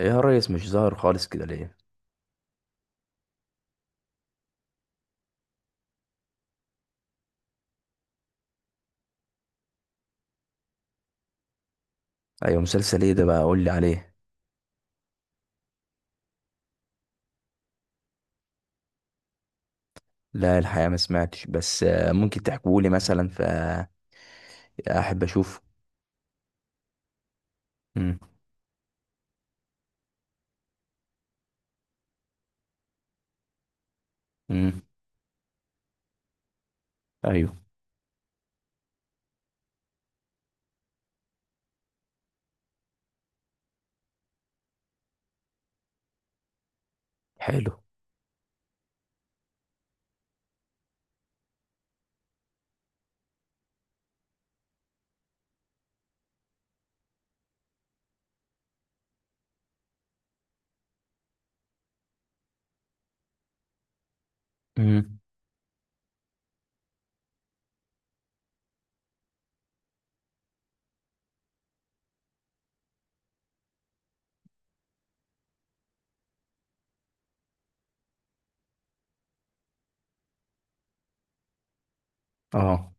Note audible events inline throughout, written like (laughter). إيه يا ريس، مش ظاهر خالص كده ليه؟ ايوه، مسلسل ايه ده بقى؟ قول لي عليه. لا، الحقيقه ما سمعتش، بس ممكن تحكوا لي مثلا فاحب اشوف. امم امم ايوه. حلو. امم اه.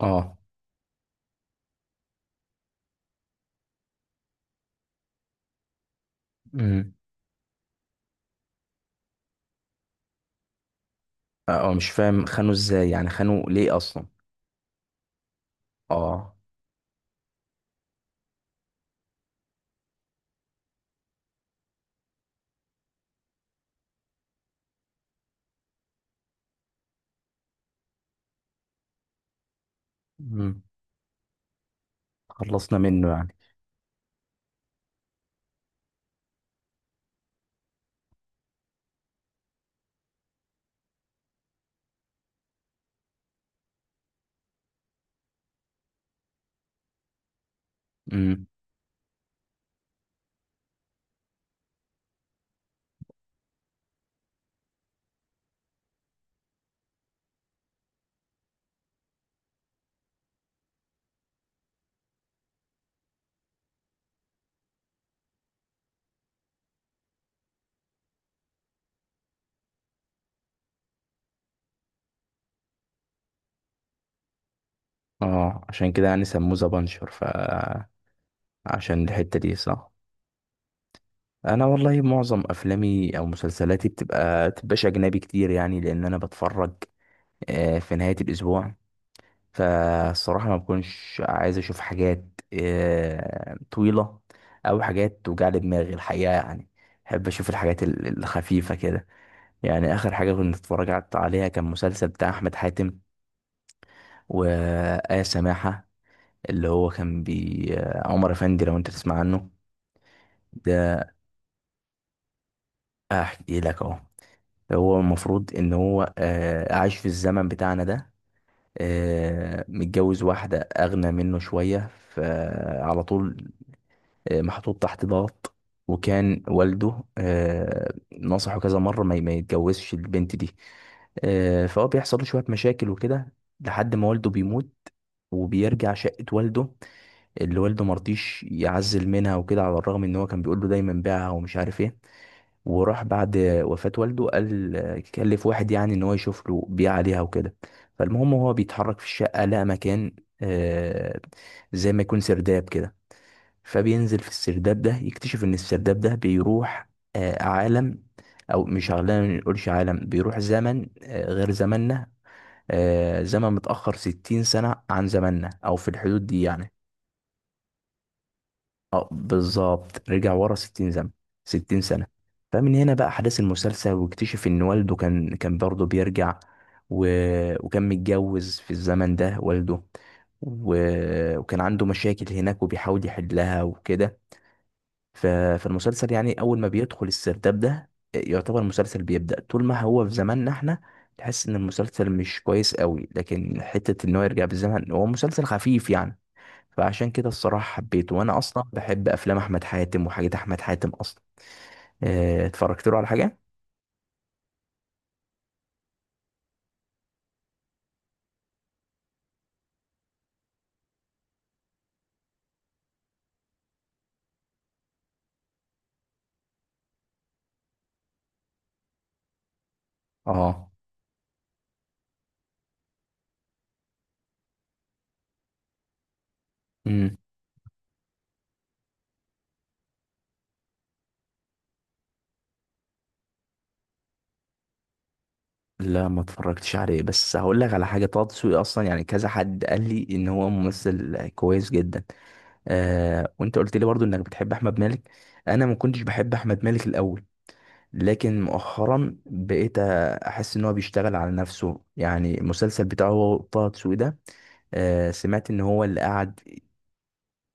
اه. امم اه. مش فاهم، خانوا ازاي يعني؟ خانوا ليه اصلا؟ اه. امم خلصنا منه يعني. امم اه، عشان كده يعني سموه ذا بانشر، عشان الحته دي، صح؟ انا والله معظم افلامي او مسلسلاتي تبقاش اجنبي كتير يعني، لان انا بتفرج في نهاية الأسبوع. فالصراحة ما بكونش عايز أشوف حاجات طويلة، أو حاجات توجع لي دماغي الحقيقة يعني. بحب أشوف الحاجات الخفيفة كده. يعني آخر حاجة كنت اتفرجت عليها كان مسلسل بتاع أحمد حاتم وآية سماحة، اللي هو كان بي آه، عمر أفندي، لو أنت تسمع عنه. ده أحكي لك أهو. هو المفروض إن هو عايش في الزمن بتاعنا ده، متجوز واحدة أغنى منه شوية، فعلى طول محطوط تحت ضغط. وكان والده نصحه كذا مرة ما يتجوزش البنت دي. فهو بيحصل له شوية مشاكل وكده لحد ما والده بيموت، وبيرجع شقة والده اللي والده مرضيش يعزل منها وكده، على الرغم ان هو كان بيقول له دايما بيعها ومش عارف ايه. وراح بعد وفاة والده، قال كلف واحد يعني ان هو يشوف له بيع عليها وكده. فالمهم هو بيتحرك في الشقة، لقى مكان آه، زي ما يكون سرداب كده، فبينزل في السرداب ده يكتشف ان السرداب ده بيروح عالم، او مش عالم نقولش، عالم بيروح زمن غير زماننا، زمن متأخر 60 سنة عن زماننا او في الحدود دي يعني. اه، بالظبط، رجع ورا 60 زمن، 60 سنة. فمن هنا بقى أحداث المسلسل، واكتشف إن والده كان برضه بيرجع، و... وكان متجوز في الزمن ده والده، و... وكان عنده مشاكل هناك وبيحاول يحلها وكده. ف... فالمسلسل يعني أول ما بيدخل السرداب ده يعتبر المسلسل بيبدأ. طول ما هو في زماننا احنا تحس إن المسلسل مش كويس قوي، لكن حتة إن هو يرجع بالزمن هو مسلسل خفيف يعني. فعشان كده الصراحة حبيته، وأنا أصلا بحب أفلام أحمد حاتم وحاجات أحمد حاتم أصلا. اتفرجت له على حاجة؟ اه. امم لا، ما اتفرجتش عليه، بس هقول لك على حاجة. طه دسوقي أصلا يعني كذا حد قال لي إن هو ممثل كويس جدا. آه وأنت قلت لي برضو إنك بتحب أحمد مالك. أنا ما كنتش بحب أحمد مالك الأول، لكن مؤخرا بقيت أحس إن هو بيشتغل على نفسه. يعني المسلسل بتاعه هو طه دسوقي ده، آه، سمعت إن هو اللي قعد.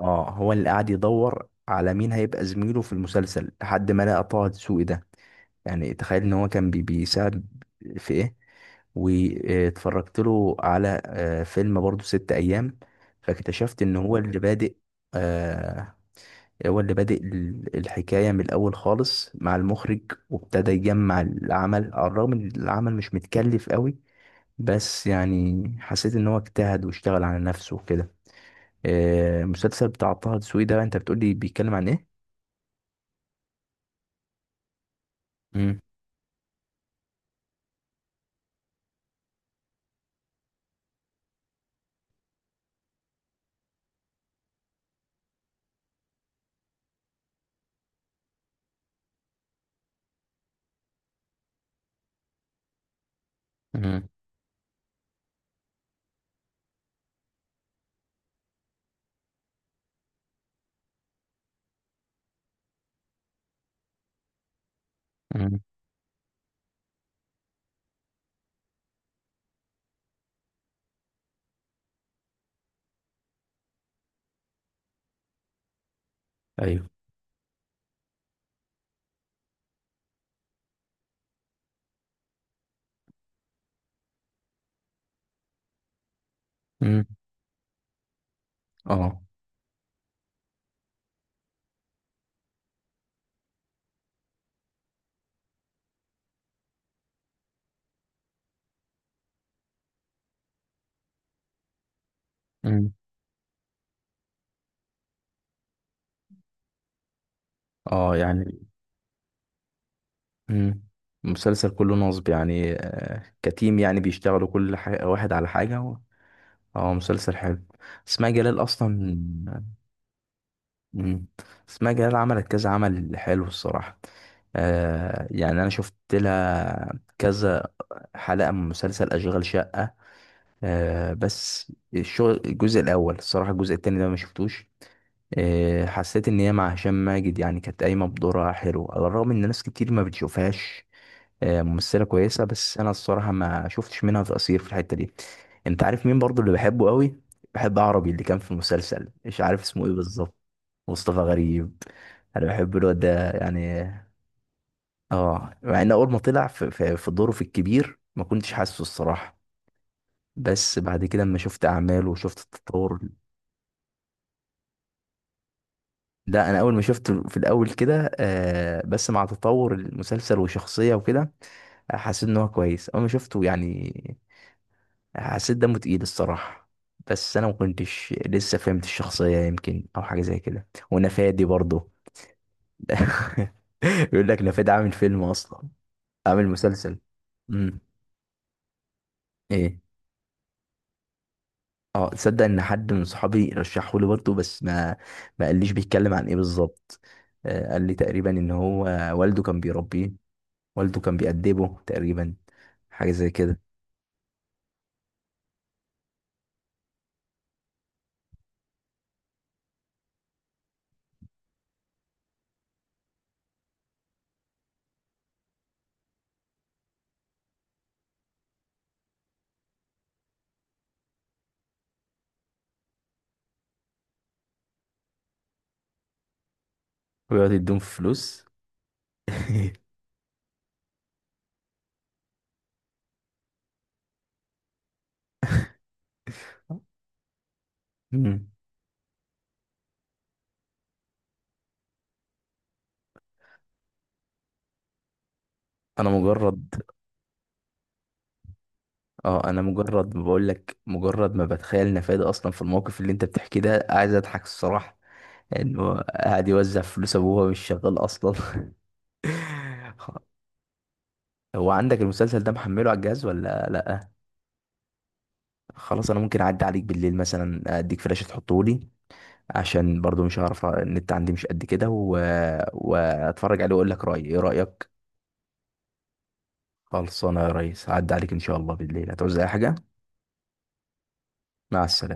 اه، هو اللي قاعد يدور على مين هيبقى زميله في المسلسل لحد ما لقى طه دسوقي ده. يعني تخيل ان هو كان بيساعد في ايه. واتفرجت له على فيلم برضو، ست ايام. فاكتشفت ان هو اللي بادئ آه، الحكاية من الاول خالص مع المخرج، وابتدى يجمع العمل، على الرغم ان العمل مش متكلف قوي. بس يعني حسيت ان هو اجتهد واشتغل على نفسه وكده. المسلسل بتاع طه دسوقي ده، انت بتقول لي بيتكلم عن ايه؟ مم. مم. مم. ايوه. مم. اه. مم. اه يعني. مم. المسلسل كله نصب يعني كتيم، يعني بيشتغلوا كل حاجة واحد على حاجة اه، مسلسل حلو. اسماء جلال اصلا. مم. اسماء جلال عملت كذا عمل حلو الصراحة. آه يعني انا شفت لها كذا حلقة من مسلسل اشغال شقة. آه بس الشغل الجزء الاول الصراحه، الجزء التاني ده ما شفتوش. آه حسيت ان هي مع هشام ماجد يعني كانت قايمه بدورها حلو، على الرغم ان ناس كتير ما بتشوفهاش. آه ممثله كويسه، بس انا الصراحه ما شفتش منها تقصير في الحته دي. انت عارف مين برضو اللي بحبه قوي؟ بحب عربي اللي كان في المسلسل، مش عارف اسمه ايه بالظبط. مصطفى غريب. انا بحب الواد ده يعني. اه، مع ان اول ما طلع في دوره في الكبير ما كنتش حاسه الصراحه، بس بعد كده اما شفت اعماله وشفت التطور. ده انا اول ما شفته في الاول كده آه، بس مع تطور المسلسل وشخصية وكده حسيت ان هو كويس. اول ما شفته يعني حسيت دمه تقيل الصراحة، بس انا ما كنتش لسه فهمت الشخصية يمكن، او حاجة زي كده. ونفادي برضه. (laughs) بيقول لك نفادي عامل فيلم اصلا. عامل مسلسل. امم ايه. اه، تصدق ان حد من صحابي رشحه لي برضه، بس ما قاليش بيتكلم عن ايه بالظبط. قال لي تقريبا ان هو والده كان بيربيه، والده كان بيأدبه تقريبا، حاجة زي كده. ويقعد يديهم في فلوس. (laughs) مم. انا مجرد. اه، انا مجرد بقول لك، مجرد ما بتخيل نفادي اصلا في الموقف اللي انت بتحكيه ده، عايز اضحك الصراحة. انه قاعد يوزع فلوس ابوه وهو مش شغال اصلا. (laughs) هو عندك المسلسل ده محمله على الجهاز ولا لا؟ خلاص، انا ممكن اعدي عليك بالليل مثلا، اديك فلاش تحطه لي عشان برضو مش هعرف، النت عندي مش قد كده، واتفرج عليه واقول لك رايي. ايه رايك؟ خلصانه يا ريس، هعدي عليك ان شاء الله بالليل. هتعوز اي حاجه؟ مع السلامه.